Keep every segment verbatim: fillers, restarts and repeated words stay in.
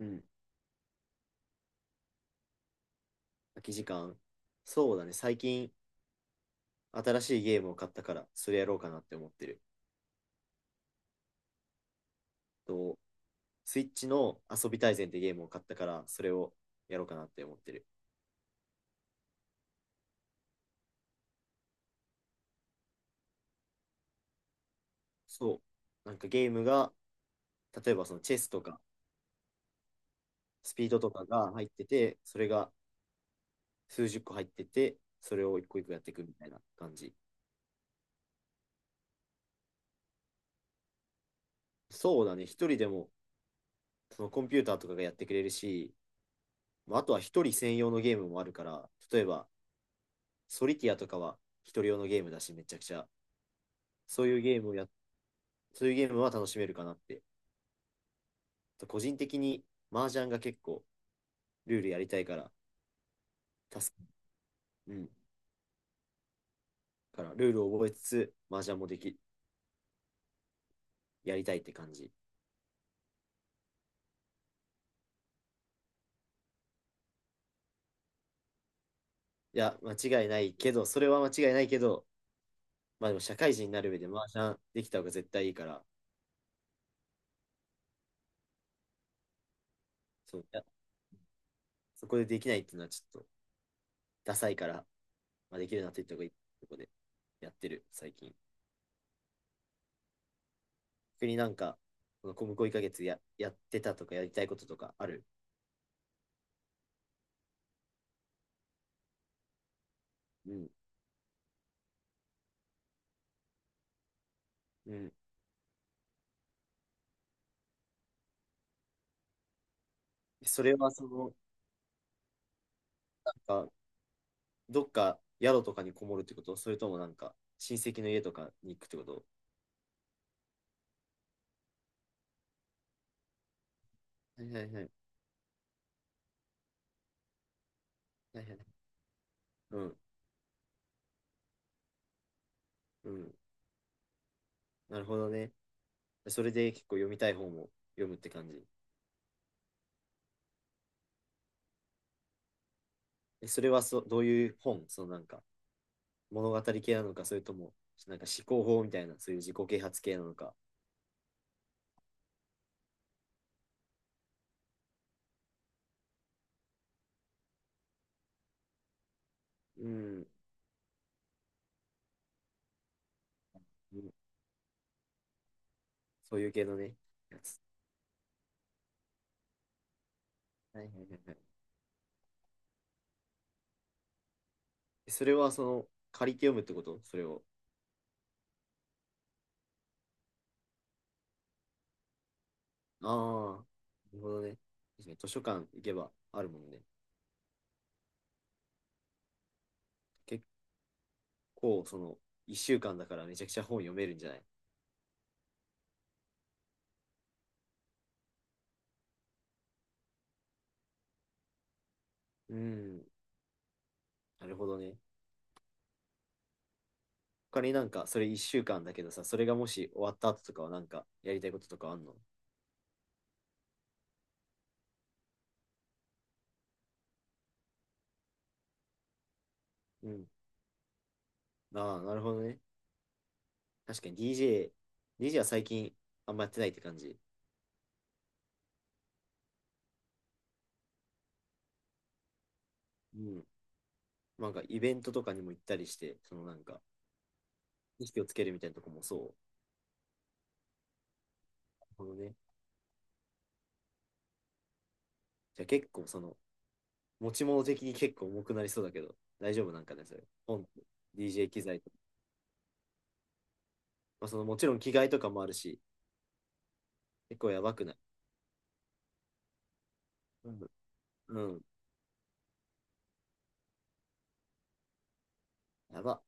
うん、空き時間。そうだね、最近新しいゲームを買ったから、それやろうかなって思ってる。と、スイッチの遊び大全ってゲームを買ったから、それをやろうかなって思ってる。そう。なんかゲームが、例えばそのチェスとかスピードとかが入ってて、それがすうじゅっこ入ってて、それを一個一個やっていくみたいな感じ。そうだね、一人でもそのコンピューターとかがやってくれるし、まあ、あとは一人専用のゲームもあるから、例えばソリティアとかは一人用のゲームだし、めちゃくちゃそういうゲームをや、そういうゲームは楽しめるかなって。個人的に麻雀が結構ルールやりたいから、助か、うん。からルールを覚えつつ、麻雀もでき、やりたいって感じ。いや、間違いないけど、それは間違いないけど、まあでも社会人になる上で麻雀できた方が絶対いいから、そう、いや、そこでできないっていうのはちょっとダサいから、まあ、できるなって言った方がいいとこでやってる、最近。逆になんか、この向こういっかげつや、やってたとかやりたいこととかある？うん。うん。それはその、なんか、どっか宿とかにこもるってこと？それともなんか親戚の家とかに行くってこと？はいはいはい。はいはい、うん、うん。なるほどね。それで結構読みたい本を読むって感じ。え、それはそどういう本？そのなんか物語系なのか、それともなんか思考法みたいな、そういう自己啓発系なのか？うん。うん、そういう系のね、やつ。はいはいはいはい。え、それはその借りて読むってこと？それを。ああ、なるほどね。確かに図書館行けばあるもんね。結構そのいっしゅうかんだからめちゃくちゃ本読めるんじゃない？うん、なるほどね。他になんかそれいっしゅうかんだけどさ、それがもし終わった後とかはなんかやりたいこととかあんの？うん。ああ、なるほどね。確かに ディージェー、ディージェー は最近あんまやってないって感じ。うん。なんかイベントとかにも行ったりして、そのなんか意識をつけるみたいなとこもそう。なるほどね。じゃあ結構その持ち物的に結構重くなりそうだけど、大丈夫なんかね、それ。本と、ディージェー 機材と、まあそのもちろん着替えとかもあるし、結構やばくない？うんうん。やば。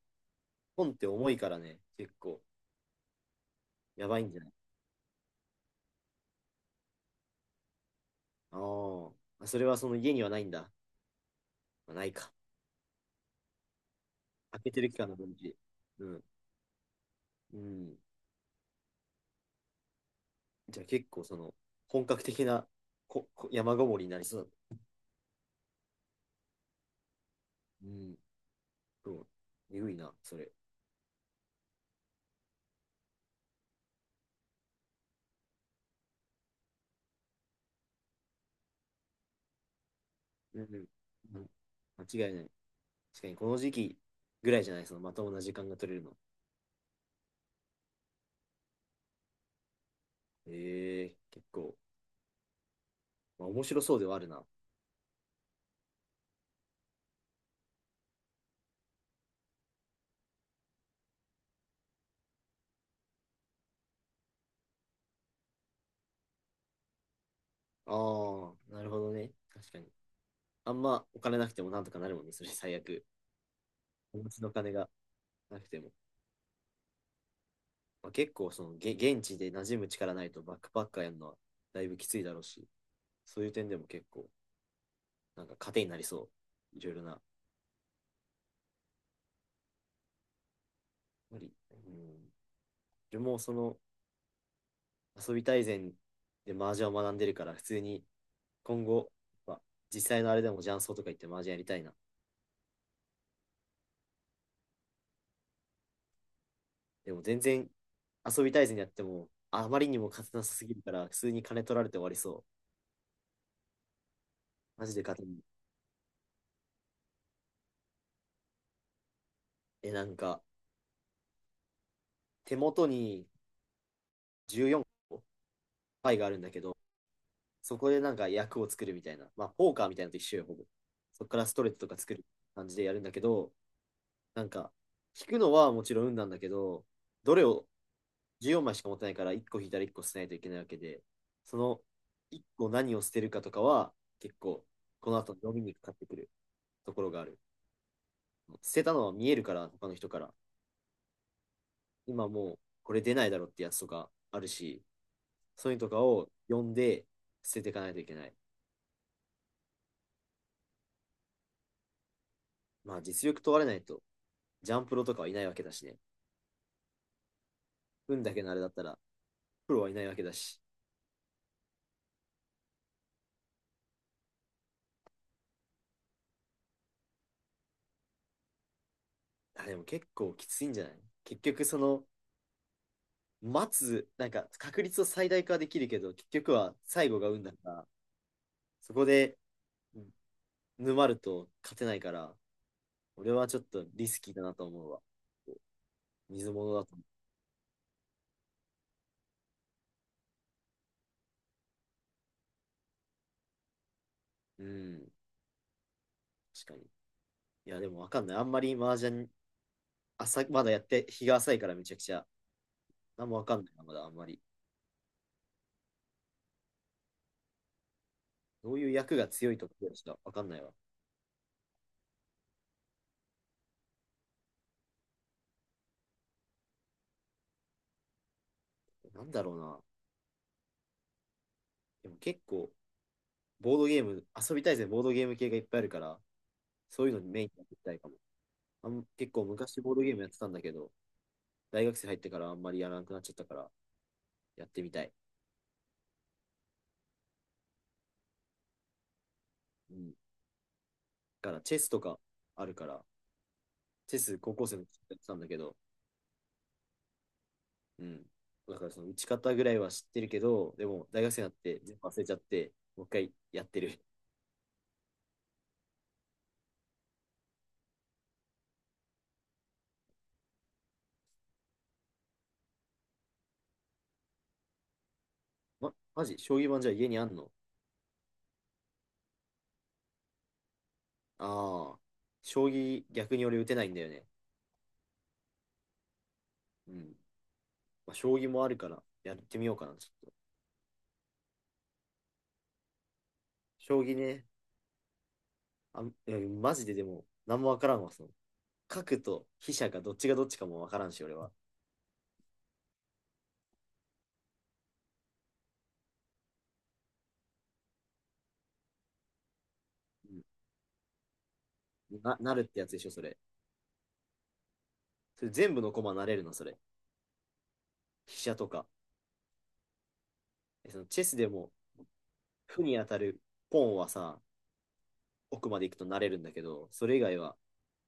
本って重いからね、結構。やばいんじゃない？あー、まあ。それはその家にはないんだ。まあ、ないか。開けてる期間の分岐。うん。うん。じゃあ結構その、本格的なここ山ごもりになりそうだね。うん。そう。えぐいな、それ。うん。うん、間違いない。確かにこの時期ぐらいじゃない？そのまともな時間が取れるの。ええ、結構、まあ、面白そうではあるな。ああ、なるほどね。確かに。あんまお金なくてもなんとかなるもんね、それ最悪。お持ちの金がなくても。まあ、結構そのげ現地で馴染む力ないとバックパッカーやるのはだいぶきついだろうし、そういう点でも結構なんか糧になりそう。いろいろな。無理。うん。でもその遊び大全で麻雀を学んでるから、普通に今後、まあ、実際のあれでも雀荘とか行って麻雀やりたいな。でも全然遊び大全やってもあまりにも勝てなさすぎるから、普通に金取られて終わりそう。マジで勝てない。え、なんか手元にじゅうよんこパイがあるんだけど、そこでなんか役を作るみたいな。まあ、ポーカーみたいなのと一緒よ、ほぼ。そこからストレートとか作る感じでやるんだけど、なんか、引くのはもちろん運なんだけど、どれをじゅうよんまいしか持ってないから、いっこ引いたらいっこ捨てないといけないわけで、そのいっこ何を捨てるかとかは、結構、この後の読みにかかってくるところがある。捨てたのは見えるから、他の人から。今もう、これ出ないだろってやつとかあるし、そういうのとかを読んで捨てていかないといけない。まあ、実力問われないと、ジャンプロとかはいないわけだしね。運だけのあれだったら、プロはいないわけだし。あ、でも結構きついんじゃない？結局、その、待つ、なんか確率を最大化できるけど、結局は最後が運だから、そこで沼ると勝てないから、俺はちょっとリスキーだなと思うわ。水物だと思う。うん、確かに。いや、でもわかんない。あんまり麻雀、朝、まだやって、日が浅いからめちゃくちゃ、なんもわかんないなまだあんまり。どういう役が強いとかしかわかんないわ。なんだろうな。でも結構、ボードゲーム、遊びたいぜ、ボードゲーム系がいっぱいあるから、そういうのにメインにやっていきたいかも。あん結構昔ボードゲームやってたんだけど、大学生入ってからあんまりやらなくなっちゃったから、やってみたい。うん。だからチェスとかあるから、チェス高校生の時やってたんだけど、うん。だからその打ち方ぐらいは知ってるけど、でも大学生になって全部忘れちゃって、もう一回やってる。ま、マジ？将棋盤じゃあ家にあんの？ああ、将棋逆に俺打てないんだよね。うん。まあ、将棋もあるからやってみようかな、ちょっと。将棋ね、あ、え、マジででも、何もわからんわ、その。核と飛車がどっちがどっちかもわからんし、俺は。うん、な、なるってやつでしょ、それ。それ全部の駒なれるの？それ。飛車とか。え、そのチェスでも、負に当たるポンはさ、奥まで行くとなれるんだけど、それ以外は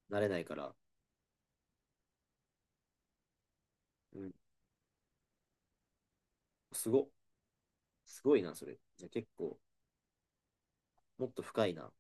なれないから。うん。すご、すごいな、それ。じゃあ結構、もっと深いな。